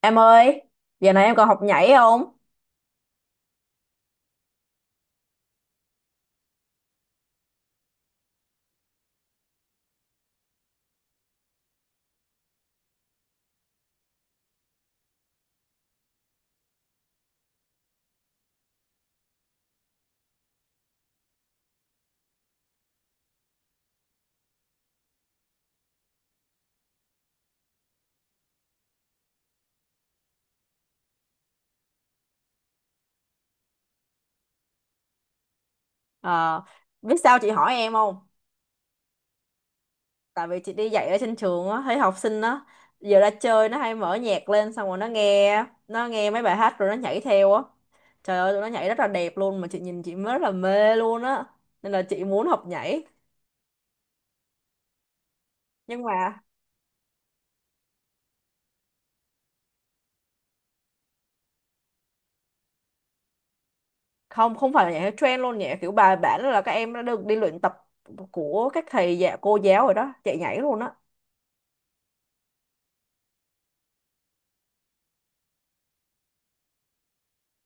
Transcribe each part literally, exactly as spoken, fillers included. Em ơi, giờ này em còn học nhảy không? Ờ, biết sao chị hỏi em không? Tại vì chị đi dạy ở trên trường á, thấy học sinh á, giờ ra chơi nó hay mở nhạc lên xong rồi nó nghe, nó nghe mấy bài hát rồi nó nhảy theo á. Trời ơi, tụi nó nhảy rất là đẹp luôn mà chị nhìn chị mới rất là mê luôn á. Nên là chị muốn học nhảy. Nhưng mà không, không phải là nhảy theo trend luôn, nhảy kiểu bài bản là các em đã được đi luyện tập của các thầy dạ cô giáo rồi đó, chạy nhảy luôn á.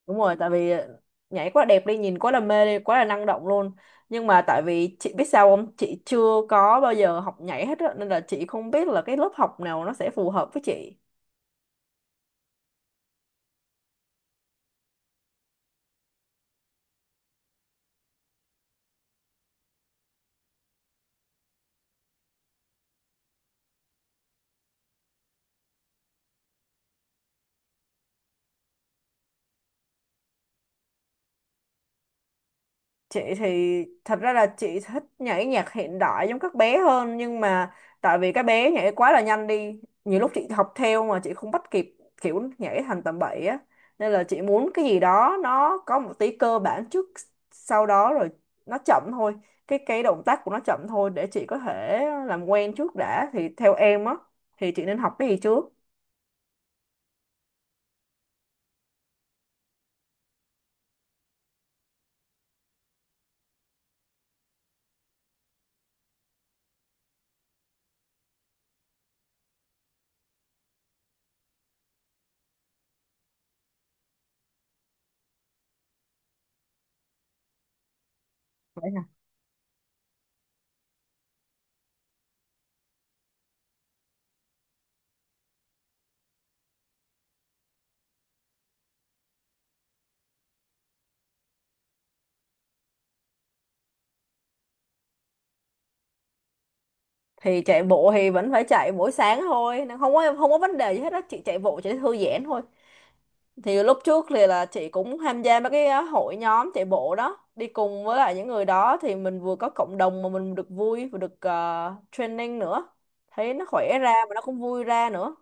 Đúng rồi, tại vì nhảy quá đẹp đi, nhìn quá là mê đi, quá là năng động luôn. Nhưng mà tại vì chị biết sao không? Chị chưa có bao giờ học nhảy hết á, nên là chị không biết là cái lớp học nào nó sẽ phù hợp với chị. Chị thì thật ra là chị thích nhảy nhạc hiện đại giống các bé hơn, nhưng mà tại vì các bé nhảy quá là nhanh đi, nhiều lúc chị học theo mà chị không bắt kịp, kiểu nhảy thành tầm bậy á, nên là chị muốn cái gì đó nó có một tí cơ bản trước, sau đó rồi nó chậm thôi, cái cái động tác của nó chậm thôi để chị có thể làm quen trước đã. Thì theo em á thì chị nên học cái gì trước? Vậy hả? Thì chạy bộ thì vẫn phải chạy mỗi sáng thôi nên không có không có vấn đề gì hết á, chị chạy bộ chỉ để thư giãn thôi. Thì lúc trước thì là chị cũng tham gia mấy cái uh, hội nhóm chạy bộ đó, đi cùng với lại những người đó thì mình vừa có cộng đồng mà mình được vui và được uh, training nữa, thấy nó khỏe ra mà nó cũng vui ra nữa.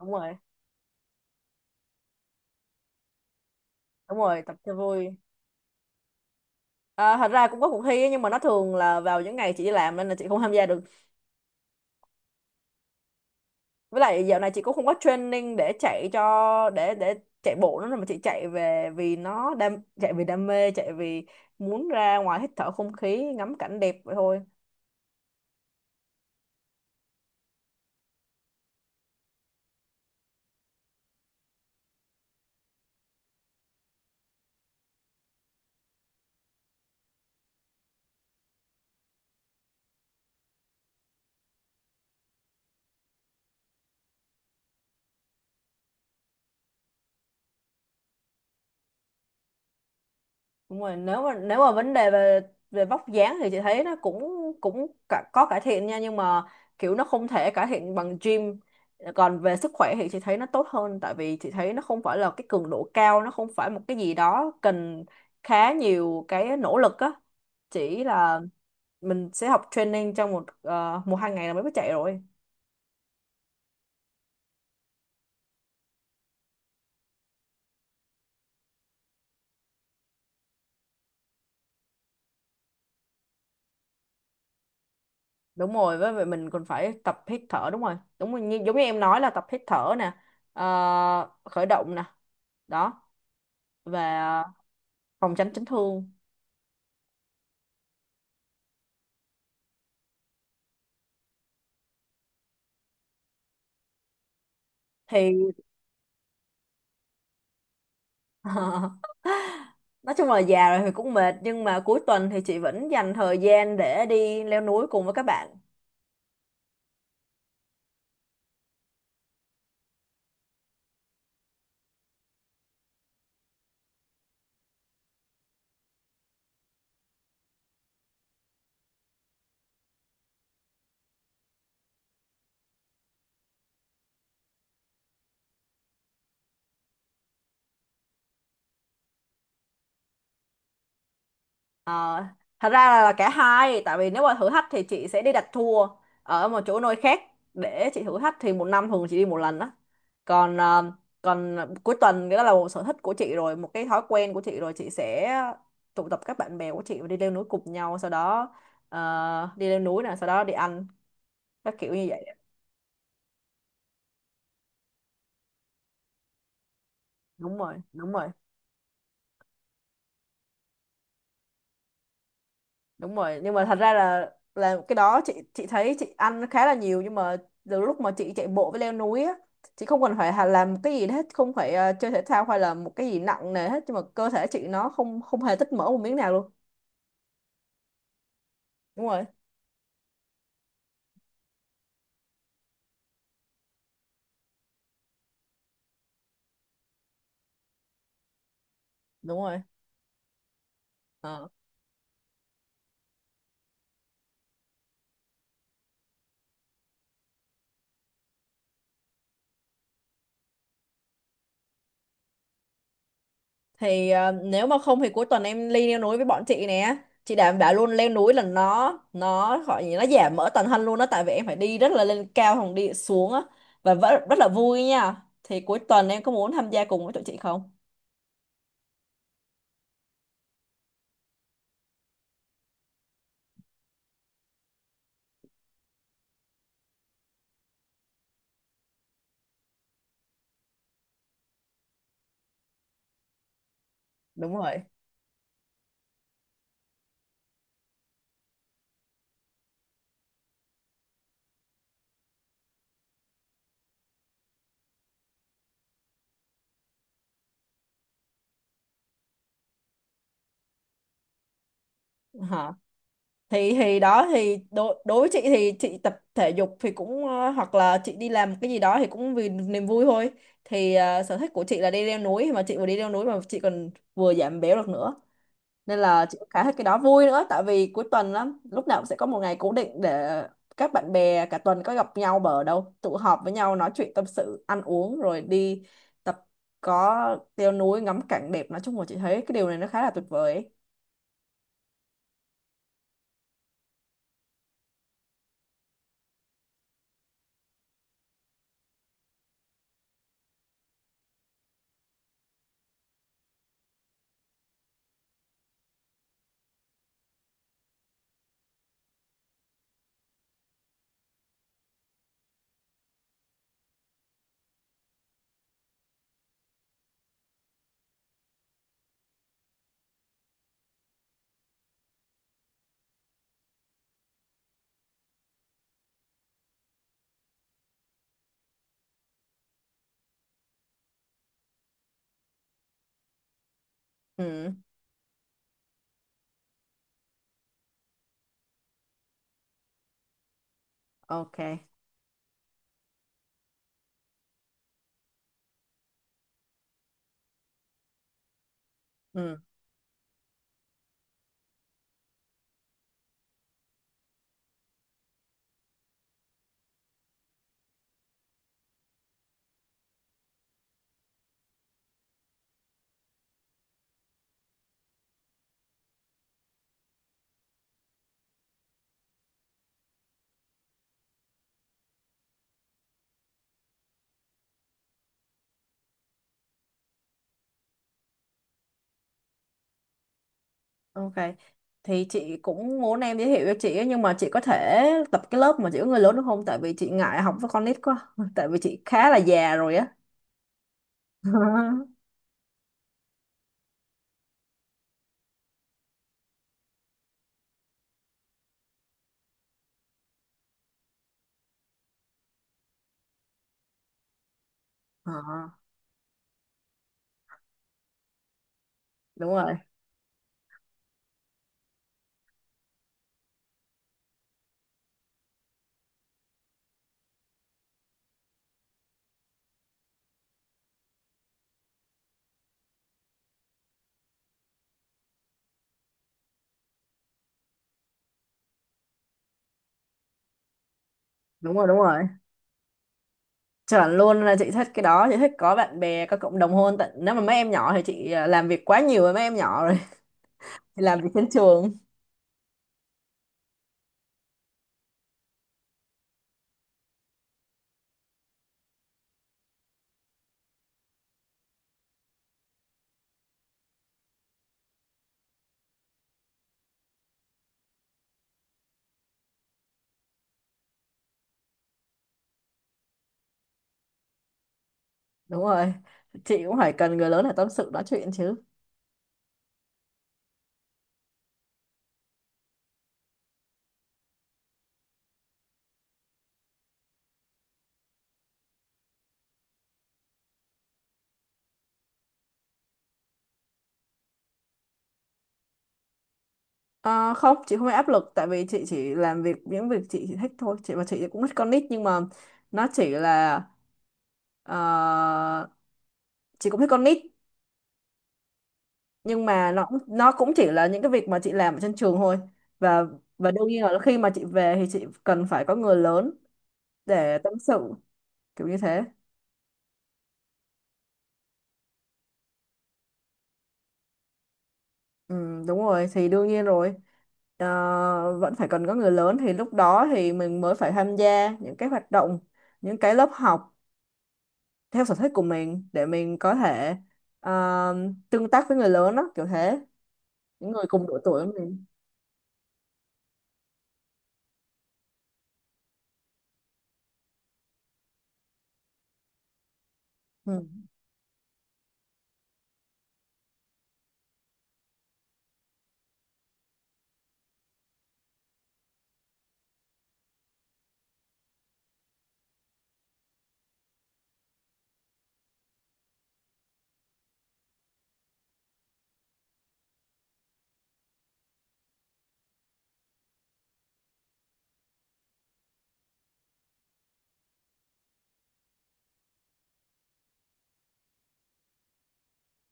Đúng rồi, đúng rồi, tập cho vui. À, thật ra cũng có cuộc thi ấy, nhưng mà nó thường là vào những ngày chị đi làm nên là chị không tham gia được. Với lại dạo này chị cũng không có training để chạy cho để để chạy bộ nữa, mà chị chạy về vì nó đam, chạy vì đam mê, chạy vì muốn ra ngoài hít thở không khí, ngắm cảnh đẹp vậy thôi. Đúng rồi, nếu mà nếu mà vấn đề về về vóc dáng thì chị thấy nó cũng cũng cả, có cải thiện nha, nhưng mà kiểu nó không thể cải thiện bằng gym. Còn về sức khỏe thì chị thấy nó tốt hơn, tại vì chị thấy nó không phải là cái cường độ cao, nó không phải một cái gì đó cần khá nhiều cái nỗ lực á, chỉ là mình sẽ học training trong một ờ, một hai ngày là mới có chạy rồi. Đúng rồi, với vậy mình còn phải tập hít thở. Đúng rồi, đúng rồi, như, giống như em nói là tập hít thở nè, ờ, khởi động nè đó, và phòng tránh chấn thương. Thì nói chung là già rồi thì cũng mệt, nhưng mà cuối tuần thì chị vẫn dành thời gian để đi leo núi cùng với các bạn. Ờ, thật ra là, là cả hai, tại vì nếu mà thử thách thì chị sẽ đi đặt tour ở một chỗ nơi khác để chị thử thách, thì một năm thường chị đi một lần đó. Còn ờ, còn cuối tuần, cái đó là một sở thích của chị rồi, một cái thói quen của chị rồi, chị sẽ tụ tập các bạn bè của chị và đi leo núi cùng nhau, sau đó ờ, đi leo núi nè, sau đó đi ăn, các kiểu như vậy. Đúng rồi, đúng rồi, đúng rồi. Nhưng mà thật ra là là cái đó, chị chị thấy chị ăn khá là nhiều, nhưng mà từ lúc mà chị chạy bộ với leo núi á, chị không cần phải hà- làm cái gì hết, không phải ờ, chơi thể thao hay là một cái gì nặng nề hết, nhưng mà cơ thể chị nó không không hề tích mỡ một miếng nào luôn. Đúng rồi, đúng rồi. Ờ thì ờ, nếu mà không thì cuối tuần em đi leo núi với bọn chị nè, chị đảm bảo luôn, leo núi là nó nó gọi gì, nó giảm mỡ toàn thân luôn đó, tại vì em phải đi rất là lên cao không đi xuống á, và vẫn rất là vui nha, thì cuối tuần em có muốn tham gia cùng với tụi chị không? Đúng rồi, hả? Thì thì đó, thì đối đối với chị thì chị tập thể dục thì cũng, ờ, hoặc là chị đi làm cái gì đó thì cũng vì niềm vui thôi. Thì ờ, sở thích của chị là đi leo núi, mà chị vừa đi leo núi mà chị còn vừa giảm béo được nữa, nên là chị cũng khá thích cái đó, vui nữa, tại vì cuối tuần lắm lúc nào cũng sẽ có một ngày cố định để các bạn bè cả tuần có gặp nhau bờ đâu tụ họp với nhau, nói chuyện tâm sự, ăn uống, rồi đi tập, có leo núi, ngắm cảnh đẹp, nói chung là chị thấy cái điều này nó khá là tuyệt vời ấy. Ừ, ok, ừ, ok. Thì chị cũng muốn em giới thiệu cho chị ấy, nhưng mà chị có thể tập cái lớp mà chỉ có người lớn được không, tại vì chị ngại học với con nít quá, tại vì chị khá là già rồi á. Ờ, đúng rồi, đúng rồi, đúng rồi. Chuẩn luôn, là chị thích cái đó, chị thích có bạn bè, có cộng đồng hơn, tận nếu mà mấy em nhỏ thì chị à, làm việc quá nhiều với mấy em nhỏ rồi, thì làm việc trên trường. Đúng rồi. Chị cũng phải cần người lớn để tâm sự nói chuyện chứ. Ờ, không, chị không bị áp lực, tại vì chị chỉ làm việc những việc chị, chị thích thôi. Chị và chị cũng thích con nít, nhưng mà nó chỉ là ờ, chị cũng thích con nít, nhưng mà nó nó cũng chỉ là những cái việc mà chị làm ở trên trường thôi. Và và đương nhiên là khi mà chị về thì chị cần phải có người lớn để tâm sự, kiểu như thế. Ừ, đúng rồi, thì đương nhiên rồi. Ờ, vẫn phải cần có người lớn, thì lúc đó thì mình mới phải tham gia những cái hoạt động, những cái lớp học theo sở thích của mình để mình có thể ờ, tương tác với người lớn đó, kiểu thế, những người cùng độ tuổi với mình. Ừ.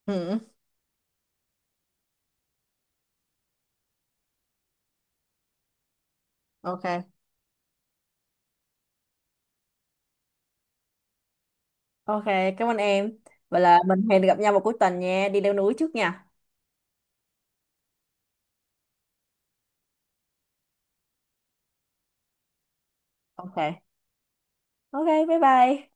Ừ. Ok, ok, cảm ơn em, vậy là mình hẹn gặp nhau vào cuối tuần nha, đi leo núi trước nha. Ok, ok, bye bye.